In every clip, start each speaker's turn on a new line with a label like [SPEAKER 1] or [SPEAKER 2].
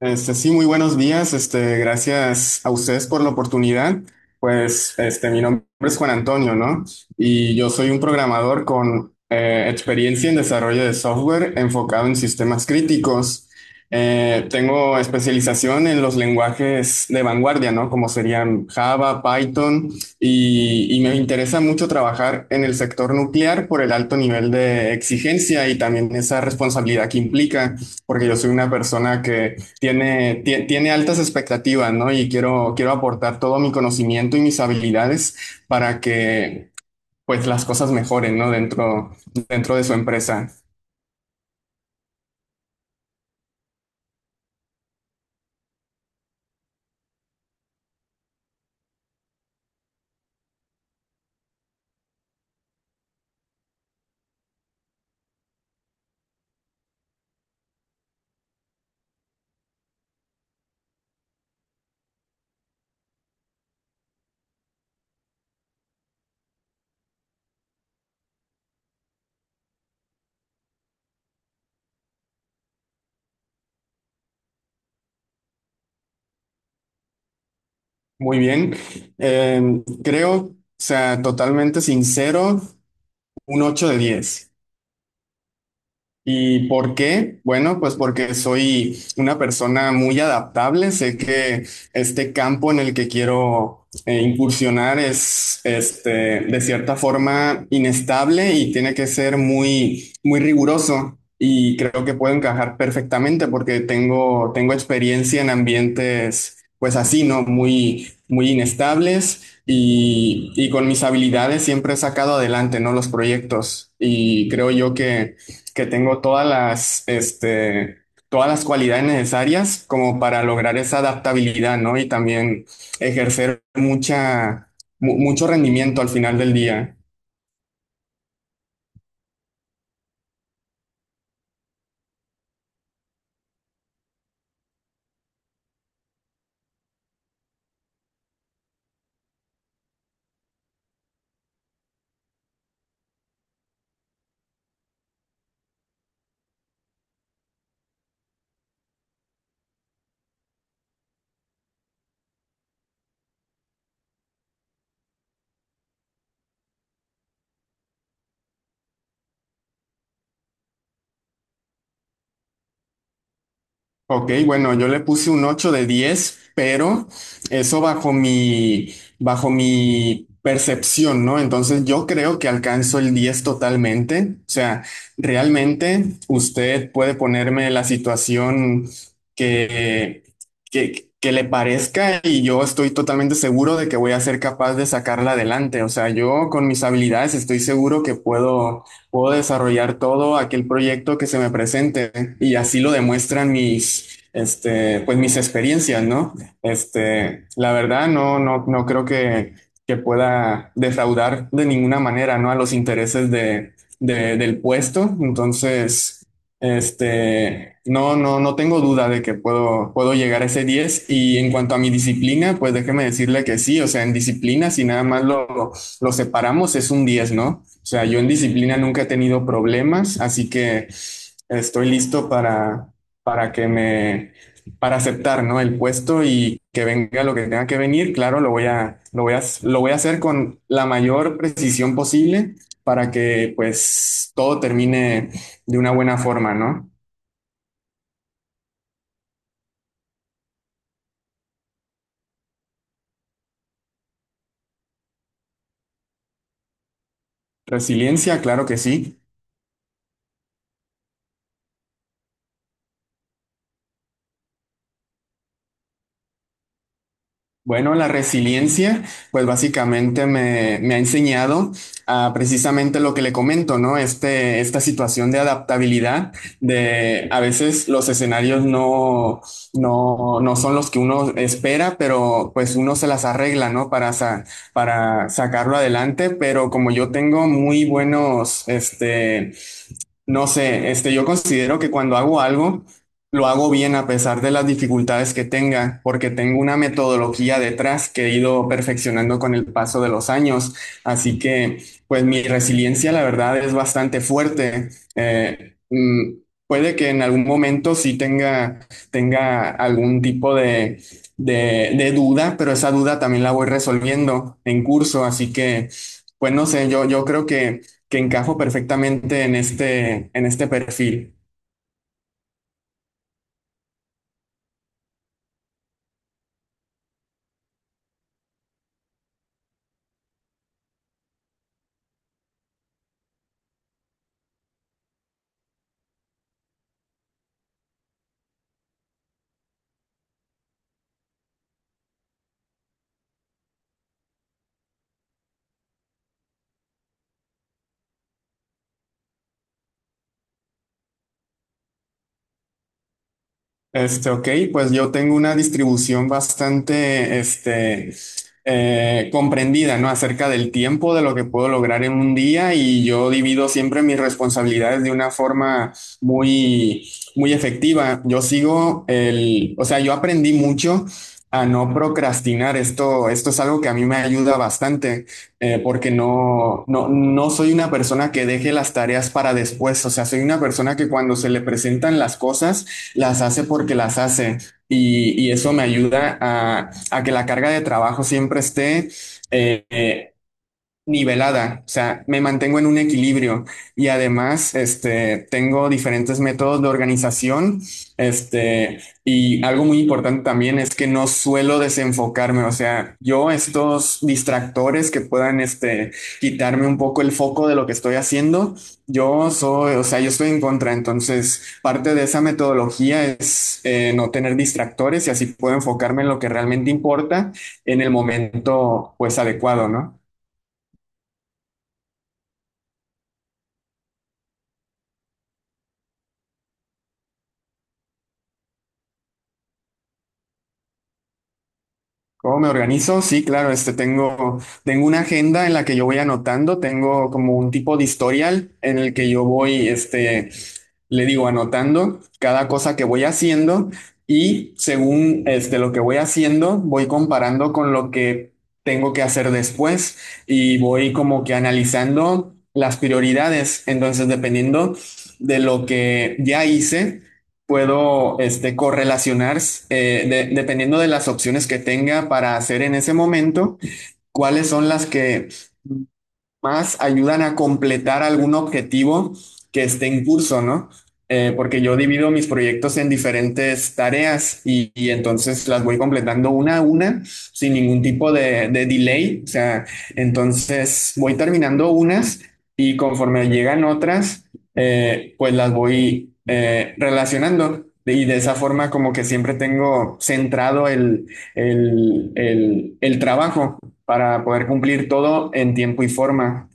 [SPEAKER 1] Sí, muy buenos días. Gracias a ustedes por la oportunidad. Pues, mi nombre es Juan Antonio, ¿no? Y yo soy un programador con experiencia en desarrollo de software enfocado en sistemas críticos. Tengo especialización en los lenguajes de vanguardia, ¿no? Como serían Java, Python, y me interesa mucho trabajar en el sector nuclear por el alto nivel de exigencia y también esa responsabilidad que implica, porque yo soy una persona que tiene altas expectativas, ¿no? Y quiero aportar todo mi conocimiento y mis habilidades para que, pues, las cosas mejoren, ¿no? Dentro de su empresa. Muy bien. Eh, Creo, o sea, totalmente sincero, un 8 de 10. ¿Y por qué? Bueno, pues porque soy una persona muy adaptable. Sé que este campo en el que quiero incursionar es, de cierta forma inestable y tiene que ser muy, muy riguroso. Y creo que puedo encajar perfectamente porque tengo experiencia en ambientes, pues así, ¿no? Muy, muy inestables y con mis habilidades siempre he sacado adelante, ¿no? los proyectos. Y creo yo que tengo todas las cualidades necesarias como para lograr esa adaptabilidad, ¿no? Y también ejercer mucho rendimiento al final del día. Ok, bueno, yo le puse un 8 de 10, pero eso bajo mi percepción, ¿no? Entonces yo creo que alcanzo el 10 totalmente. O sea, realmente usted puede ponerme la situación que, que le parezca y yo estoy totalmente seguro de que voy a ser capaz de sacarla adelante. O sea, yo con mis habilidades estoy seguro que puedo desarrollar todo aquel proyecto que se me presente y así lo demuestran pues mis experiencias, ¿no? La verdad, no creo que pueda defraudar de ninguna manera, ¿no? A los intereses del puesto. Entonces, no tengo duda de que puedo llegar a ese 10. Y en cuanto a mi disciplina, pues déjeme decirle que sí, o sea, en disciplina, si nada más lo separamos, es un 10, ¿no? O sea, yo en disciplina nunca he tenido problemas, así que estoy listo para que me, para aceptar, ¿no? El puesto y que venga lo que tenga que venir, claro, lo voy a, lo voy a, lo voy a hacer con la mayor precisión posible para que pues todo termine de una buena forma, ¿no? Resiliencia, claro que sí. Bueno, la resiliencia, pues básicamente me ha enseñado a precisamente lo que le comento, ¿no? Esta situación de adaptabilidad, de a veces los escenarios no son los que uno espera, pero pues uno se las arregla, ¿no? Para sacarlo adelante, pero como yo tengo muy buenos, no sé, yo considero que cuando hago algo, lo hago bien a pesar de las dificultades que tenga, porque tengo una metodología detrás que he ido perfeccionando con el paso de los años. Así que, pues mi resiliencia, la verdad, es bastante fuerte. Eh, mm, Puede que en algún momento sí tenga algún tipo de duda, pero esa duda también la voy resolviendo en curso. Así que, pues no sé, yo creo que encajo perfectamente en este perfil. Ok, pues yo tengo una distribución bastante, comprendida, ¿no? Acerca del tiempo, de lo que puedo lograr en un día y yo divido siempre mis responsabilidades de una forma muy, muy efectiva. O sea, yo aprendí mucho a no procrastinar. Esto es algo que a mí me ayuda bastante, porque no soy una persona que deje las tareas para después. O sea, soy una persona que cuando se le presentan las cosas, las hace porque las hace. Y eso me ayuda a que la carga de trabajo siempre esté eh, eh, nivelada, o sea, me mantengo en un equilibrio y además, tengo diferentes métodos de organización, y algo muy importante también es que no suelo desenfocarme, o sea, yo estos distractores que puedan, quitarme un poco el foco de lo que estoy haciendo, yo soy, o sea, yo estoy en contra, entonces parte de esa metodología es no tener distractores y así puedo enfocarme en lo que realmente importa en el momento, pues, adecuado, ¿no? ¿Cómo me organizo? Sí, claro, tengo una agenda en la que yo voy anotando, tengo como un tipo de historial en el que yo voy, le digo, anotando cada cosa que voy haciendo y según lo que voy haciendo, voy comparando con lo que tengo que hacer después y voy como que analizando las prioridades. Entonces, dependiendo de lo que ya hice puedo correlacionar, dependiendo de las opciones que tenga para hacer en ese momento, cuáles son las que más ayudan a completar algún objetivo que esté en curso, ¿no? Porque yo divido mis proyectos en diferentes tareas y entonces las voy completando una a una sin ningún tipo de delay. O sea, entonces voy terminando unas y conforme llegan otras, pues las voy relacionando. Y de esa forma como que siempre tengo centrado el trabajo para poder cumplir todo en tiempo y forma.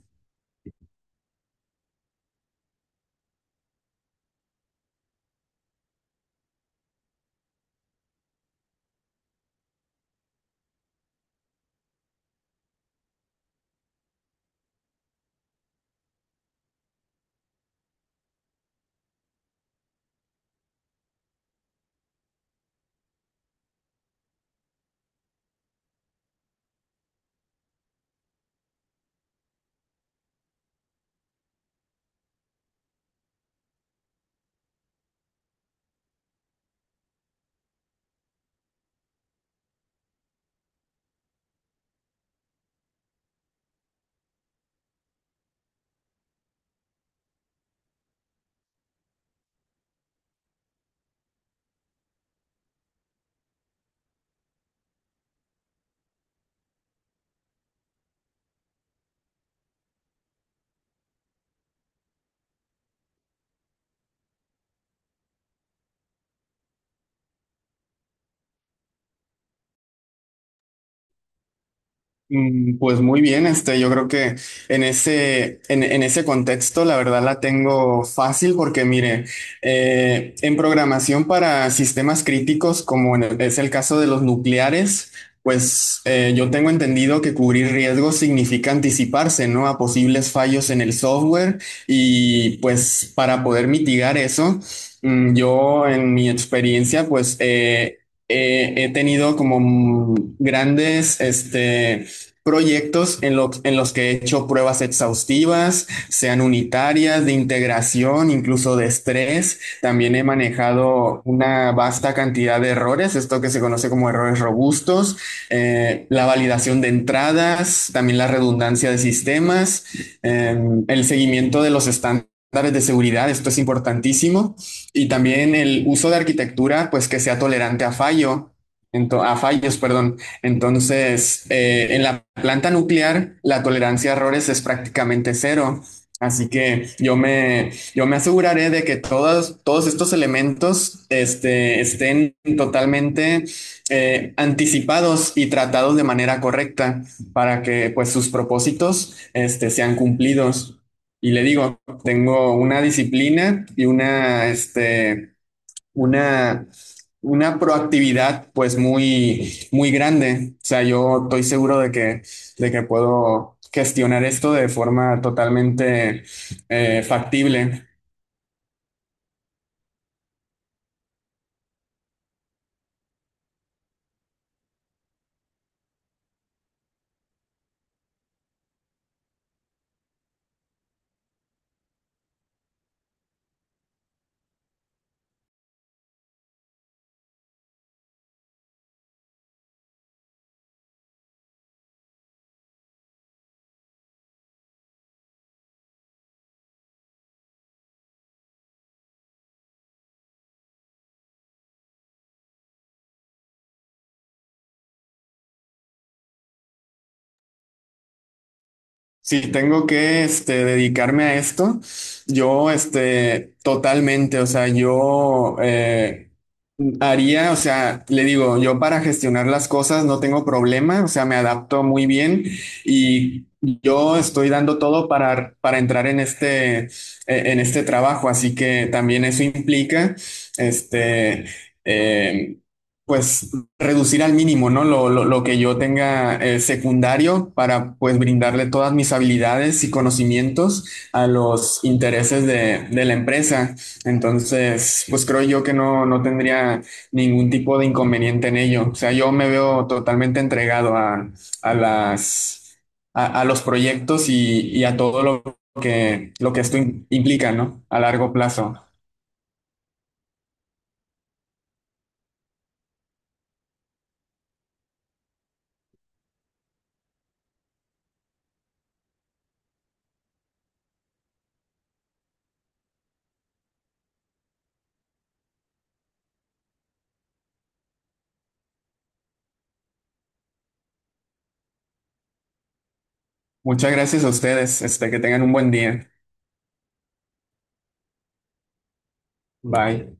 [SPEAKER 1] Pues muy bien, yo creo que en ese contexto la verdad la tengo fácil porque mire, en programación para sistemas críticos, como es el caso de los nucleares, pues yo tengo entendido que cubrir riesgos significa anticiparse, ¿no? A posibles fallos en el software y pues para poder mitigar eso, yo en mi experiencia pues he tenido como grandes, proyectos en los que he hecho pruebas exhaustivas, sean unitarias, de integración, incluso de estrés. También he manejado una vasta cantidad de errores, esto que se conoce como errores robustos, la validación de entradas, también la redundancia de sistemas, eh, el seguimiento de los estándares de seguridad, esto es importantísimo, y también el uso de arquitectura, pues que sea tolerante a fallo, a fallos, perdón. Entonces, en la planta nuclear, la tolerancia a errores es prácticamente cero. Así que yo me aseguraré de que todos estos elementos estén totalmente anticipados y tratados de manera correcta para que pues, sus propósitos sean cumplidos. Y le digo, tengo una disciplina y una, una proactividad pues muy, muy grande. O sea, yo estoy seguro de que puedo gestionar esto de forma totalmente factible. Si tengo que dedicarme a esto, yo totalmente, o sea, yo haría, o sea, le digo, yo para gestionar las cosas no tengo problema, o sea, me adapto muy bien y yo estoy dando todo para entrar en este trabajo, así que también eso implica, este, eh, pues reducir al mínimo, ¿no? Lo que yo tenga secundario para pues brindarle todas mis habilidades y conocimientos a los intereses de la empresa. Entonces, pues creo yo que no tendría ningún tipo de inconveniente en ello. O sea, yo me veo totalmente entregado a las, a los proyectos y a todo lo que esto implica, ¿no? A largo plazo. Muchas gracias a ustedes. Que tengan un buen día. Bye.